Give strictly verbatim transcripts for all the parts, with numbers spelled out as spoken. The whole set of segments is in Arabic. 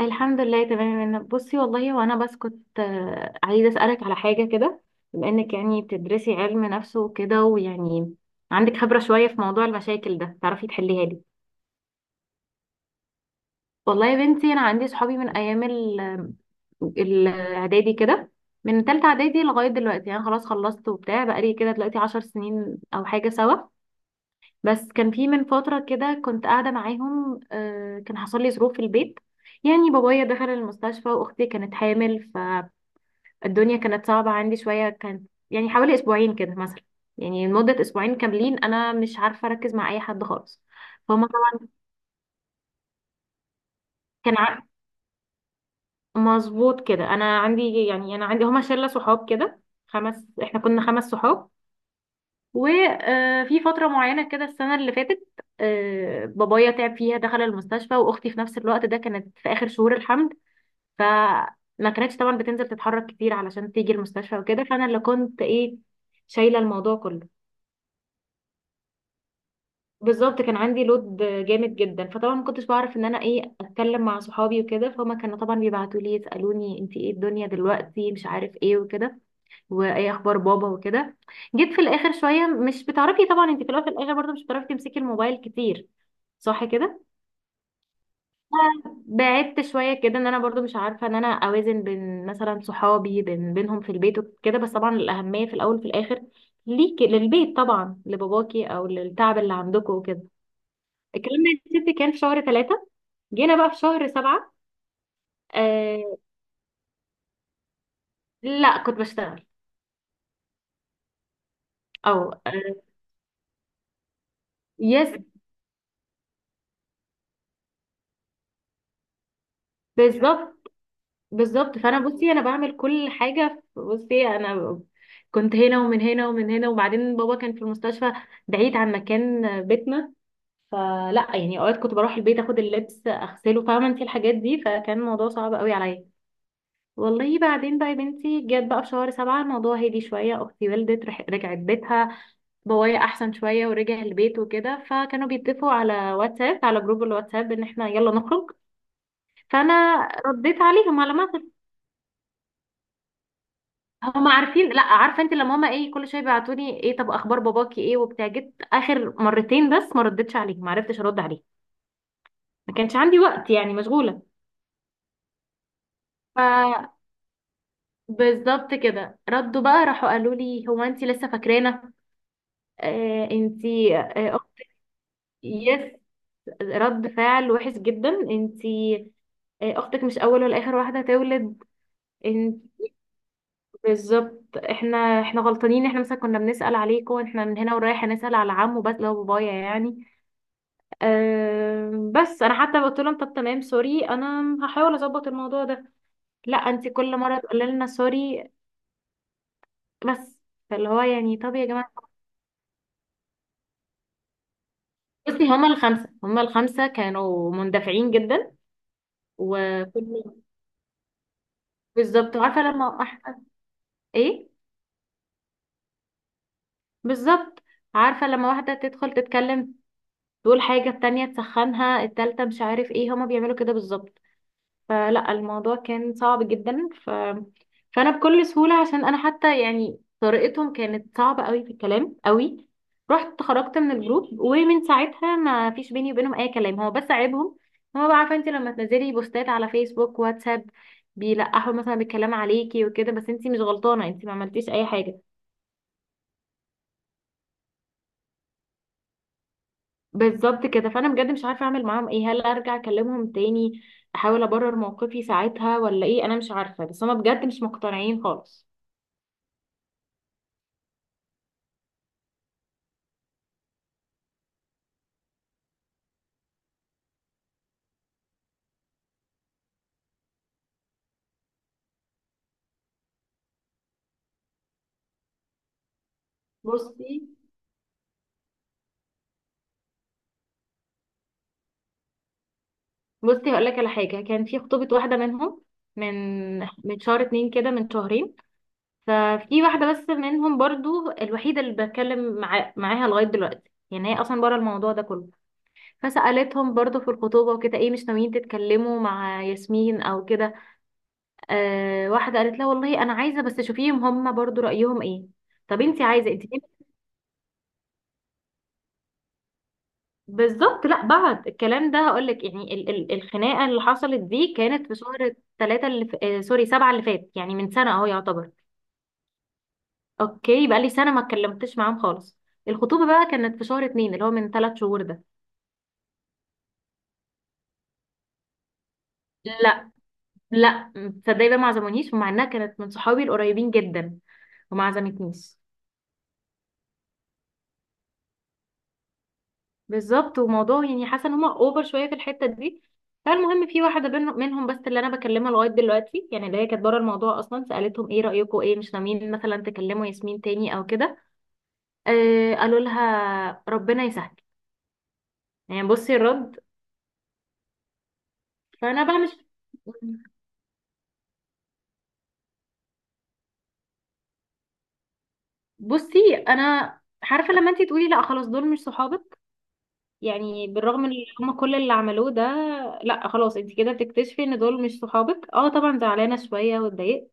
الحمد لله تمام يا منى. بصي والله وانا بس كنت آه، عايزه اسالك على حاجه كده، بما انك يعني بتدرسي علم نفس وكده ويعني عندك خبره شويه في موضوع المشاكل ده، تعرفي تحليها لي. والله يا بنتي انا عندي صحابي من ايام ال- الاعدادي كده، من تالتة اعدادي لغايه دلوقتي يعني، خلاص خلصت وبتاع، بقالي كده دلوقتي عشر سنين او حاجه سوا. بس كان في من فتره كده كنت قاعده معاهم آه، كان حصل لي ظروف في البيت، يعني بابايا دخل المستشفى واختي كانت حامل. الدنيا كانت صعبة عندي شوية، كانت يعني حوالي أسبوعين كده مثلا. يعني لمدة أسبوعين كاملين أنا مش عارفة أركز مع أي حد خالص. فهم طبعا. كان ع- مظبوط كده، أنا عندي يعني أنا عندي هما شلة صحاب كده. خمس إحنا كنا خمس صحاب، وفي فترة معينة كده، السنة اللي فاتت آه، بابايا تعب فيها، دخل المستشفى، وأختي في نفس الوقت ده كانت في آخر شهور الحمل، فما كانتش طبعا بتنزل تتحرك كتير علشان تيجي المستشفى وكده، فأنا اللي كنت إيه شايلة الموضوع كله. بالظبط، كان عندي لود جامد جدا، فطبعا ما كنتش بعرف ان انا ايه، اتكلم مع صحابي وكده، فهم كانوا طبعا بيبعتوا لي يسالوني انت ايه الدنيا دلوقتي مش عارف ايه وكده، وايه اخبار بابا وكده. جيت في الاخر شويه، مش بتعرفي طبعا انت في الاول في الاخر برضه مش بتعرفي تمسكي الموبايل كتير، صح كده. بعدت شويه كده، ان انا برضو مش عارفه ان انا اوازن بين مثلا صحابي بين بينهم في البيت وكده، بس طبعا الاهميه في الاول وفي الاخر ليكي للبيت طبعا، لباباكي او للتعب اللي عندكم وكده. الكلام ده يا ستي كان في شهر ثلاثة، جينا بقى في شهر سبعة. آه. لا كنت بشتغل. او. آه. يس. بالظبط. بالظبط فانا، بصي انا بعمل كل حاجة، بصي انا كنت هنا ومن هنا ومن هنا، وبعدين بابا كان في المستشفى بعيد عن مكان بيتنا، فلا يعني اوقات كنت بروح البيت اخد اللبس اغسله، فاهمة انت الحاجات دي، فكان الموضوع صعب قوي عليا. والله بعدين بقى يا بنتي، جت بقى في شهر سبعة، الموضوع هدي شوية، أختي والدت رح- رجعت بيتها، بابايا أحسن شوية ورجع البيت وكده، فكانوا بيتفقوا على واتساب، على جروب الواتساب، إن احنا يلا نخرج. فأنا رديت عليهم على مثل هما عارفين، لا عارفة انت لما هما ايه كل شوية بيبعتوني ايه طب أخبار باباكي ايه وبتاع، جيت آخر مرتين بس ما ردتش عليهم، ما عرفتش أرد عليهم، ما كانش عندي وقت يعني، مشغولة. ف بالظبط كده، ردوا بقى، راحوا قالوا لي هو انت لسه فاكرانا؟ آه انت. آه، يس، رد فعل وحش جدا. انتي، آه، اختك مش اول ولا اخر واحده هتولد. انت بالظبط، احنا احنا غلطانين، احنا مثلا كنا بنسال عليكم، احنا من هنا ورايح هنسال على عمو بس لو بابايا يعني. أه بس انا حتى قلت لهم طب تمام سوري، انا هحاول اظبط الموضوع ده. لا انتي كل مره تقولي لنا سوري بس، فاللي هو يعني طب يا جماعه. بصي هما الخمسه هما الخمسه كانوا مندفعين جدا. وكل بالظبط، عارفه لما احنا ايه، بالظبط عارفة لما واحدة تدخل تتكلم تقول حاجة، التانية تسخنها، التالتة مش عارف ايه، هما بيعملوا كده بالظبط. فلا الموضوع كان صعب جدا ف... فأنا بكل سهولة، عشان أنا حتى يعني طريقتهم كانت صعبة قوي في الكلام قوي، رحت خرجت من الجروب، ومن ساعتها ما فيش بيني وبينهم أي كلام. هو بس عيبهم، هو بقى عارفة انت لما تنزلي بوستات على فيسبوك واتساب بيلقحوا مثلا بالكلام عليكي وكده، بس انت مش غلطانة، انت ما عملتيش أي حاجة. بالظبط كده، فانا بجد مش عارفه اعمل معاهم ايه، هل ارجع اكلمهم تاني احاول ابرر موقفي ساعتها ولا ايه، انا مش عارفه، بس هما بجد مش مقتنعين خالص. بصي. بصي هقول لك على حاجه، كان في خطوبه واحده منهم، من من شهر اتنين كده، من شهرين. ففي واحده بس منهم برضو، الوحيده اللي بتكلم مع... معاها لغايه دلوقتي يعني، هي اصلا بره الموضوع ده كله. فسالتهم برضو في الخطوبه وكده، ايه مش ناويين تتكلموا مع ياسمين او كده؟ آه واحده قالت لها والله انا عايزه، بس شوفيهم هم برضو رايهم ايه. طب انت عايزه انت ليه- بالظبط، لا بعد الكلام ده هقول لك يعني، ال ال الخناقه اللي حصلت دي كانت في شهر ثلاثة اللي ف... آه سوري، سبعة اللي فات، يعني من سنه اهو يعتبر. اوكي، بقى لي سنه ما اتكلمتش معاهم خالص. الخطوبه بقى كانت في شهر اتنين، اللي هو من ثلاث شهور ده. لا. لا. تصدقي بقى ما عزمونيش، ومع انها كانت من صحابي القريبين جدا، وما عزمتنيش. بالظبط، وموضوع يعني حاسه ان هم اوفر شويه في الحته دي. فالمهم في واحده بين- منهم بس اللي انا بكلمها لغايه دلوقتي، يعني اللي هي كانت بره الموضوع اصلا، سالتهم ايه رايكم، ايه مش ناويين مثلا تكلموا ياسمين تاني او كده؟ آه قالوا لها ربنا يسهل. يعني بصي الرد. فانا بقى مش بصي. انا عارفه لما انتي تقولي لا خلاص دول مش صحابك، يعني بالرغم ان هم كل اللي عملوه ده، لا خلاص انتي كده بتكتشفي ان دول مش صحابك. اه طبعا، زعلانه شويه واتضايقت.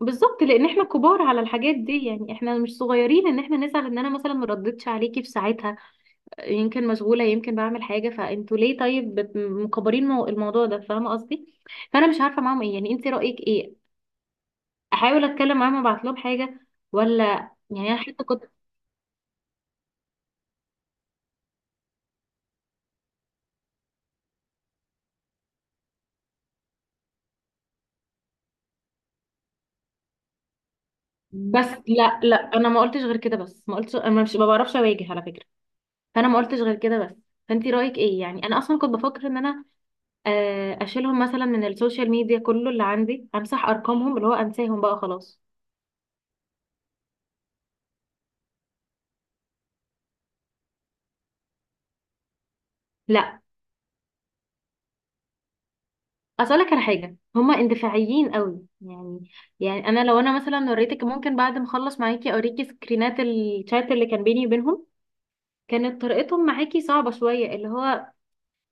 بالظبط، لان احنا كبار على الحاجات دي يعني، احنا مش صغيرين، ان احنا نزعل ان انا مثلا ما ردتش عليكي في ساعتها. يمكن مشغوله، يمكن بعمل حاجه، فانتوا ليه طيب بت- مكبرين مو- الموضوع ده، فاهمه قصدي. فانا مش عارفه معاهم ايه يعني، انت رايك ايه؟ احاول اتكلم معاهم، ابعت لهم حاجه، ولا؟ يعني انا حتى كنت، بس لا لا انا ما قلتش غير كده، بس ما قلتش، انا مش، ما بعرفش اواجه على فكره، فانا ما قلتش غير كده بس. فانت رايك ايه؟ يعني انا اصلا كنت بفكر ان انا آه، اشيلهم مثلا من السوشيال ميديا، كله اللي عندي امسح ارقامهم، اللي هو انساهم بقى خلاص. لا اسالك على حاجه، هما اندفاعيين قوي يعني. يعني انا لو انا مثلا وريتك، ممكن بعد ما اخلص معاكي اوريكي سكرينات الشات اللي كان بيني وبينهم، كانت طريقتهم معاكي صعبه شويه، اللي هو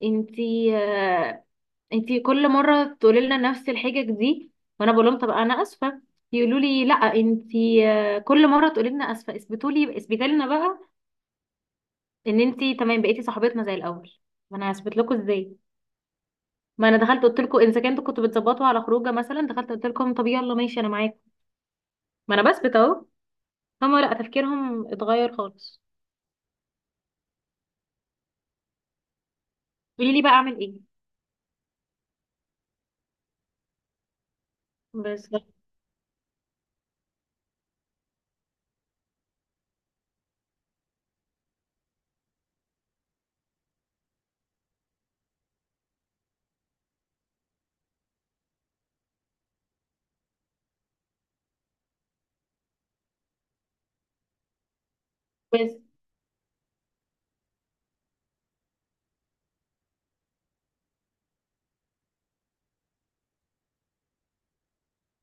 انتي آه، انتي كل مره تقولي لنا نفس الحجج دي، وانا بقول لهم طب انا اسفه، يقولوا لي لا انتي آه، كل مره تقولي لنا اسفه، اثبتوا لي، اثبتي لنا بقى ان انتي تمام بقيتي صاحبتنا زي الاول. ما انا هثبت لكم ازاي؟ ما انا دخلت قلت لكم اذا كنتوا كنتوا بتظبطوا على خروجه مثلا، دخلت قلت لكم طب يلا ماشي انا معاكم، ما انا بثبت اهو. هما لا، تفكيرهم اتغير خالص. قولي لي بقى اعمل ايه؟ بس. بس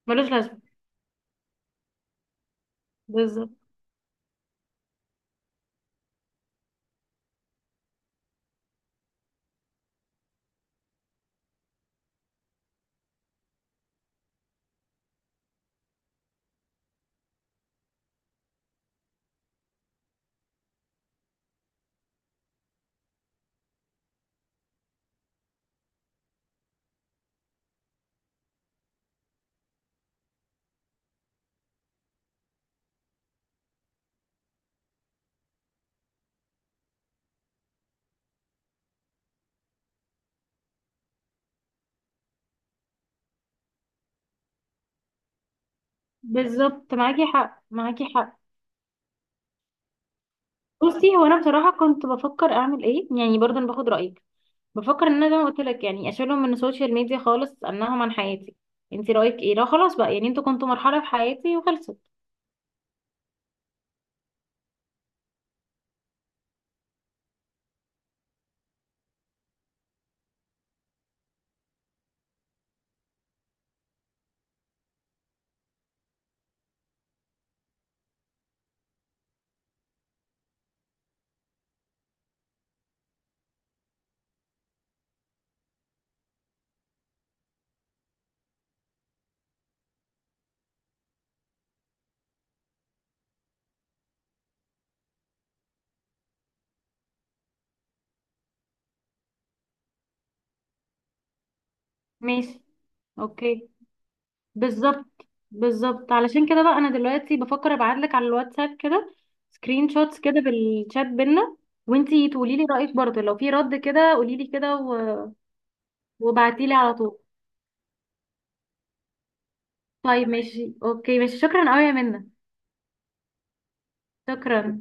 ملوش لازمه. بالظبط، بالظبط معاكي حق، معاكي حق. بصي هو انا بصراحه كنت بفكر اعمل ايه يعني، برضه انا باخد رايك، بفكر ان انا زي ما قلت لك يعني اشيلهم من السوشيال ميديا خالص، انهم عن حياتي. انتي رايك ايه؟ لا خلاص بقى يعني، انتوا كنتوا مرحله في حياتي وخلصت. ماشي. اوكي. بالظبط، بالظبط علشان كده بقى انا دلوقتي بفكر ابعتلك على الواتساب كده سكرين شوتس كده بالشات بينا، وانتي تقولي لي رايك برضه، لو في رد كده قولي لي كده و... وبعتيلي على طول. طيب ماشي اوكي ماشي، شكرا قوي يا منى. شكرا.